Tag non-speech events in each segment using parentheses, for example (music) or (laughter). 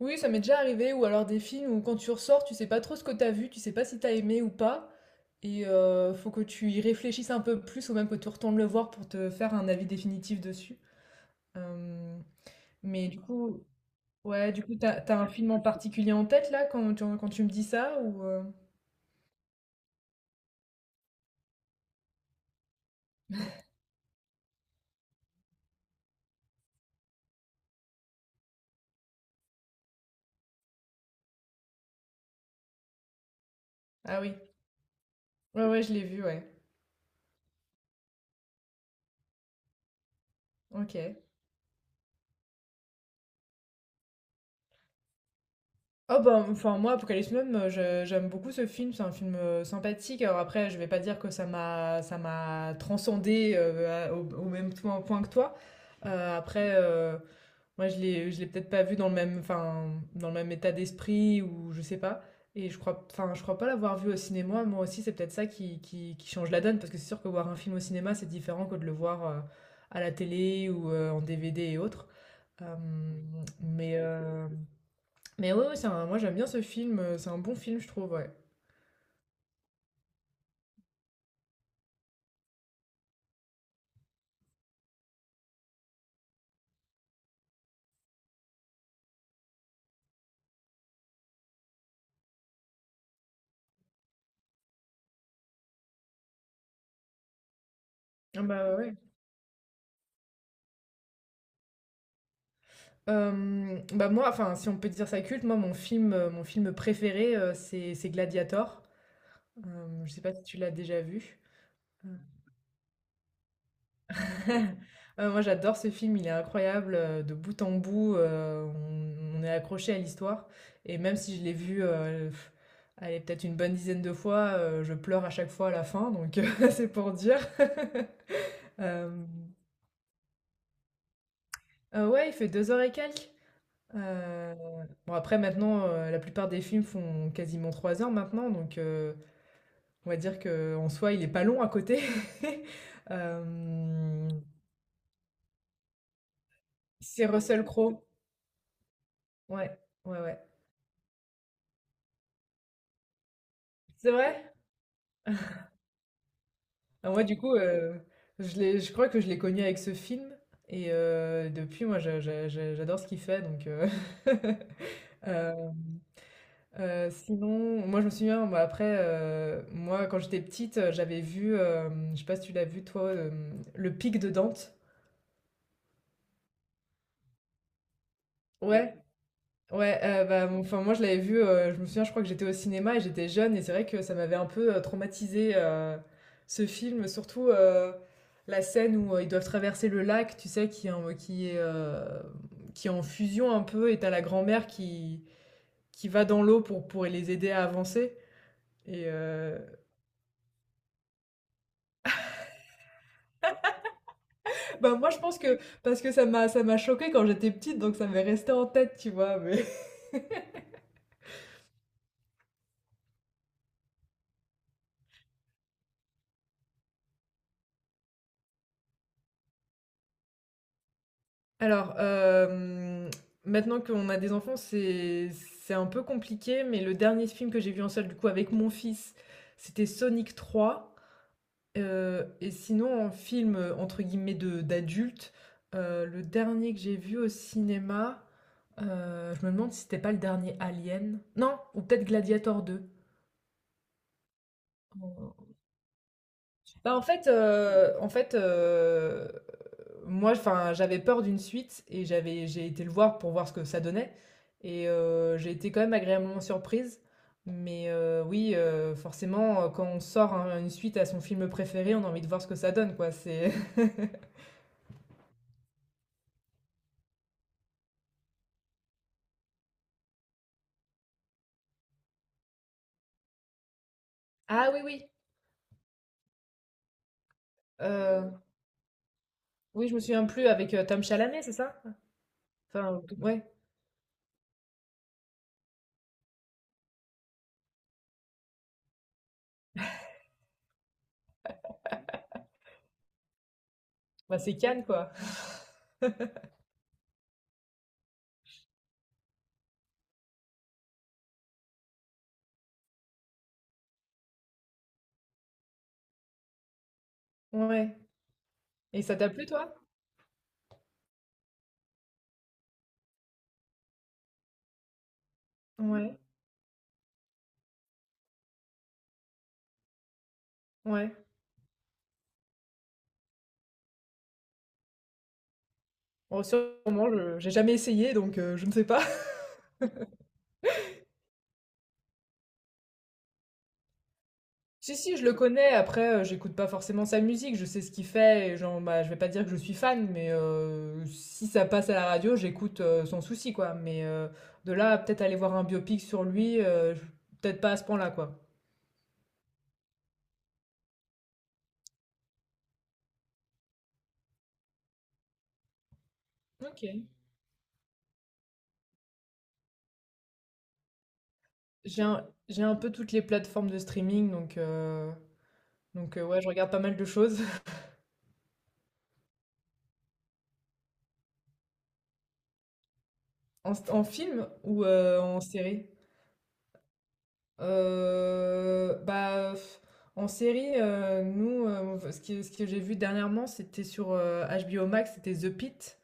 Oui, ça m'est déjà arrivé, ou alors des films où quand tu ressors, tu sais pas trop ce que t'as vu, tu sais pas si t'as aimé ou pas, et faut que tu y réfléchisses un peu plus, ou même que tu retournes le voir pour te faire un avis définitif dessus. Euh, mais du coup, ouais, du coup, t'as un film en particulier en tête là quand tu me dis ça, ou Ah oui, ouais, ouais, je l'ai vu, ouais. Ok. Oh bah, enfin moi Apocalypse Now, j'aime beaucoup ce film, c'est un film sympathique. Alors après, je vais pas dire que ça m'a transcendé au même point que toi. Après moi je l'ai peut-être pas vu dans le même état d'esprit ou je sais pas, et je crois pas l'avoir vu au cinéma. Moi aussi, c'est peut-être ça qui change la donne parce que c'est sûr que voir un film au cinéma, c'est différent que de le voir à la télé ou en DVD et autres. Euh, mais, euh, mais ouais, ouais, moi j'aime bien ce film, c'est un bon film, je trouve, ouais. Ah bah ouais, ouais. Bah moi, enfin, si on peut dire ça culte, moi mon film préféré, c'est Gladiator. Je sais pas si tu l'as déjà vu. Mm. (laughs) Moi j'adore ce film, il est incroyable, de bout en bout, on est accroché à l'histoire. Et même si je l'ai vu, allez, peut-être une bonne dizaine de fois, je pleure à chaque fois à la fin, donc (laughs) c'est pour dire. (laughs) Euh, ouais, il fait 2 h et quelques. Heu, bon après maintenant, la plupart des films font quasiment 3 h maintenant, donc on va dire que en soi il est pas long à côté. (laughs) Hem, c'est Russell Crowe. Ouais, ouais, ouais. C'est vrai? (laughs) Ah moi du coup, je crois que je l'ai connu avec ce film, et depuis moi je j'adore ce qu'il fait, donc hem (laughs) Sinon, moi je me souviens, bah, après, moi quand j'étais petite, j'avais vu, je sais pas si tu l'as vu toi, Le Pic de Dante? Ouais. Ouais, ouais, bah, mon enfin moi je l'avais vu, je me souviens, je crois que j'étais au cinéma et j'étais jeune et c'est vrai que ça m'avait un peu, traumatisée, ce film, surtout, la scène où, ils doivent traverser le lac, tu sais, qui est en fusion un peu, et t'as la grand-mère qui va dans l'eau pour les aider à avancer et heu Bah, moi, je pense que parce que ça m'a choquée quand j'étais petite, donc ça m'est resté en tête, tu vois, mais… (laughs) Alors, maintenant qu'on a des enfants, c'est un peu compliqué, mais le dernier film que j'ai vu en salle, du coup, avec mon fils, c'était Sonic 3. Et sinon, en film, entre guillemets, de d'adulte, le dernier que j'ai vu au cinéma, je me demande si c'était pas le dernier Alien. Non, ou peut-être Gladiator 2. Bah, en fait, moi, enfin, j'avais peur d'une suite et j'ai été le voir pour voir ce que ça donnait, et j'ai été quand même agréablement surprise. Mais oui, forcément, quand on sort un une suite à son film préféré, on a envie de voir ce que ça donne, quoi. C'est… (laughs) Ah oui, oui, heu, oui, je me souviens plus, avec, Tom Chalamet, c'est ça? Enfin, ouais, bah, c'est Cannes, quoi. (laughs) Ouais, et ça t'a plu, toi? Ouais, ouais. Bon, sur le moment, je j'ai jamais essayé, donc je ne sais pas. Si, si, je le connais. Après, j'écoute pas forcément sa musique. Je sais ce qu'il fait. Et genre, bah, je vais pas dire que je suis fan, mais si ça passe à la radio, j'écoute sans souci, quoi. Mais de là à peut-être aller voir un biopic sur lui, peut-être pas à ce point-là, quoi. Ok. J'ai un, j'ai un peu toutes les plateformes de streaming, donc, ouais, je regarde pas mal de choses. (laughs) En film ou en série? Bah, en série, nous, ce que j'ai vu dernièrement, c'était sur, HBO Max, c'était The Pitt,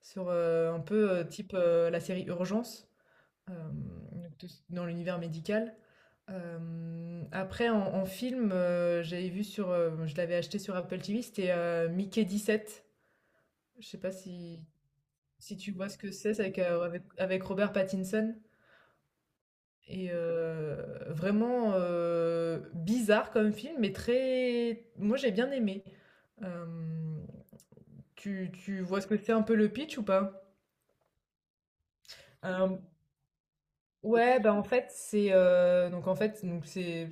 sur, un peu, type, la série Urgence, hem, donc tout dans l'univers médical. Après, en film, j'avais vu sur, je l'avais acheté sur Apple TV, c'était, Mickey sept. Je sais pas si tu vois ce que c'est. C'est avec Robert Pattinson. Et vraiment, bizarre comme film, mais très, moi j'ai bien aimé. Hem, tu vois ce que c'est un peu, le pitch, ou pas? Ouais, bah en fait, c'est donc en fait, donc c'est,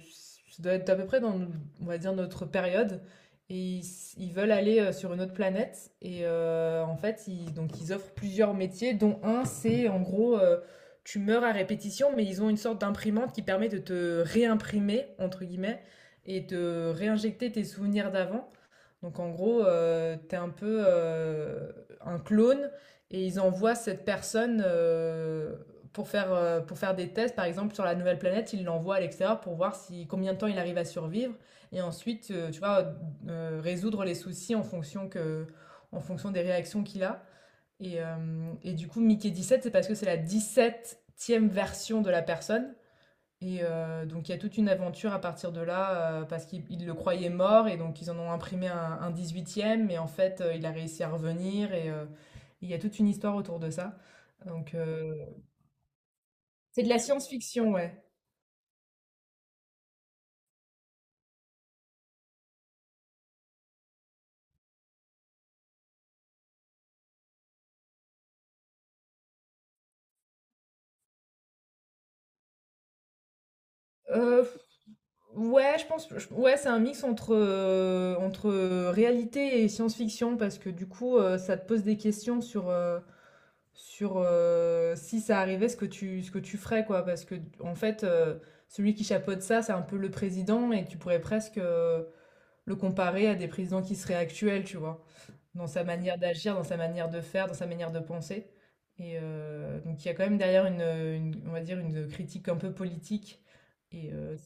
ça doit être à peu près dans, on va dire, notre période, et ils veulent aller sur une autre planète, et en fait, ils donc ils offrent plusieurs métiers, dont un c'est en gros tu meurs à répétition, mais ils ont une sorte d'imprimante qui permet de te réimprimer entre guillemets et de réinjecter tes souvenirs d'avant. Donc en gros, t'es un peu un clone, et ils envoient cette personne pour faire des tests, par exemple sur la nouvelle planète, ils l'envoient à l'extérieur pour voir si, combien de temps il arrive à survivre, et ensuite, tu vois, résoudre les soucis en fonction des réactions qu'il a. Et, du coup, Mickey 17, c'est parce que c'est la 17e version de la personne, et donc il y a toute une aventure à partir de là, parce qu'ils ils le croyaient mort et donc ils en ont imprimé un 18e, mais en fait, il a réussi à revenir, et il y a toute une histoire autour de ça. Donc c'est de la science-fiction, ouais. Heu Ouais, je pense, ouais, c'est un mix entre réalité et science-fiction, parce que du coup, ça te pose des questions sur si ça arrivait, ce que tu ferais, quoi. Parce que, en fait, celui qui chapeaute ça, c'est un peu le président, et tu pourrais presque le comparer à des présidents qui seraient actuels, tu vois, dans sa manière d'agir, dans sa manière de faire, dans sa manière de penser. Et donc, il y a quand même derrière une, on va dire, une critique un peu politique. Et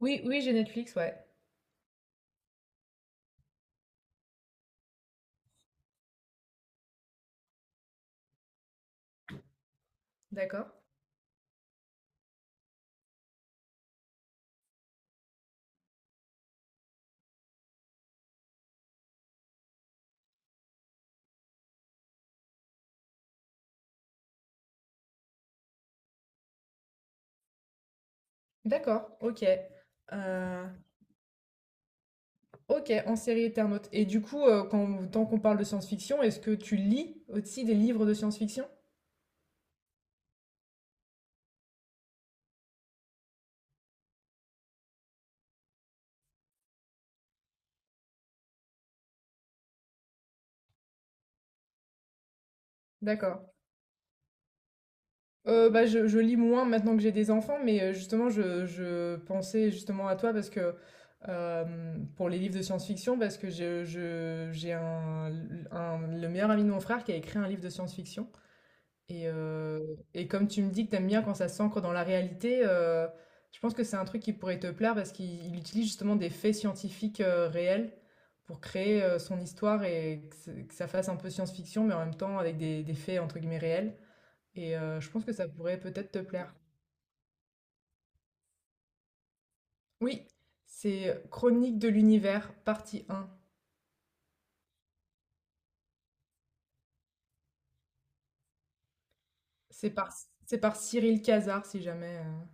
Oui, oui, j'ai Netflix, ouais. D'accord. D'accord, ok. Euh, ok, en série Eternaute. Et du coup, tant qu'on parle de science-fiction, est-ce que tu lis aussi des livres de science-fiction? D'accord. Bah, je lis moins maintenant que j'ai des enfants, mais justement, je pensais justement à toi parce que pour les livres de science-fiction, parce que j'ai un, le meilleur ami de mon frère qui a écrit un livre de science-fiction. Et, comme tu me dis que t'aimes bien quand ça s'ancre dans la réalité, je pense que c'est un truc qui pourrait te plaire parce qu'il il utilise justement des faits scientifiques réels pour créer son histoire, et que ça fasse un peu science-fiction, mais en même temps avec des faits entre guillemets réels. Et je pense que ça pourrait peut-être te plaire. Oui, c'est Chronique de l'univers, partie un. C'est par, c'est par Cyril Cazard, si jamais.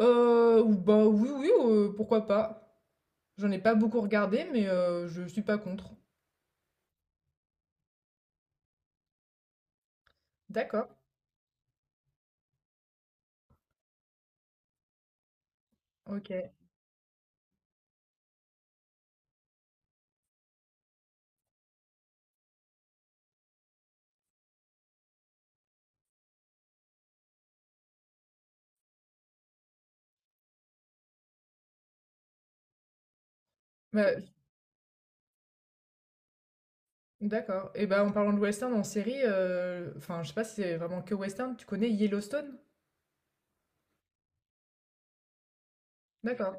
Bah oui, oui, pourquoi pas. J'en ai pas beaucoup regardé, mais je suis pas contre. D'accord, OK. Bah, d'accord, et bah, en parlant de western en série, enfin, je sais pas si c'est vraiment que western, tu connais Yellowstone? D'accord.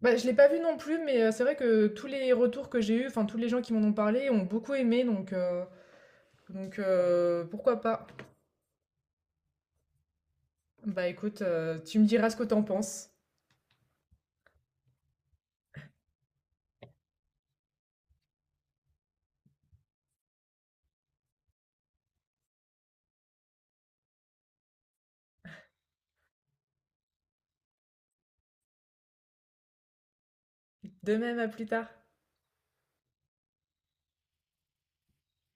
Bah, je l'ai pas vu non plus, mais c'est vrai que tous les retours que j'ai eus, enfin, tous les gens qui m'en ont parlé ont beaucoup aimé, donc pourquoi pas? Bah, écoute, tu me diras ce que t'en penses. De même, à plus tard.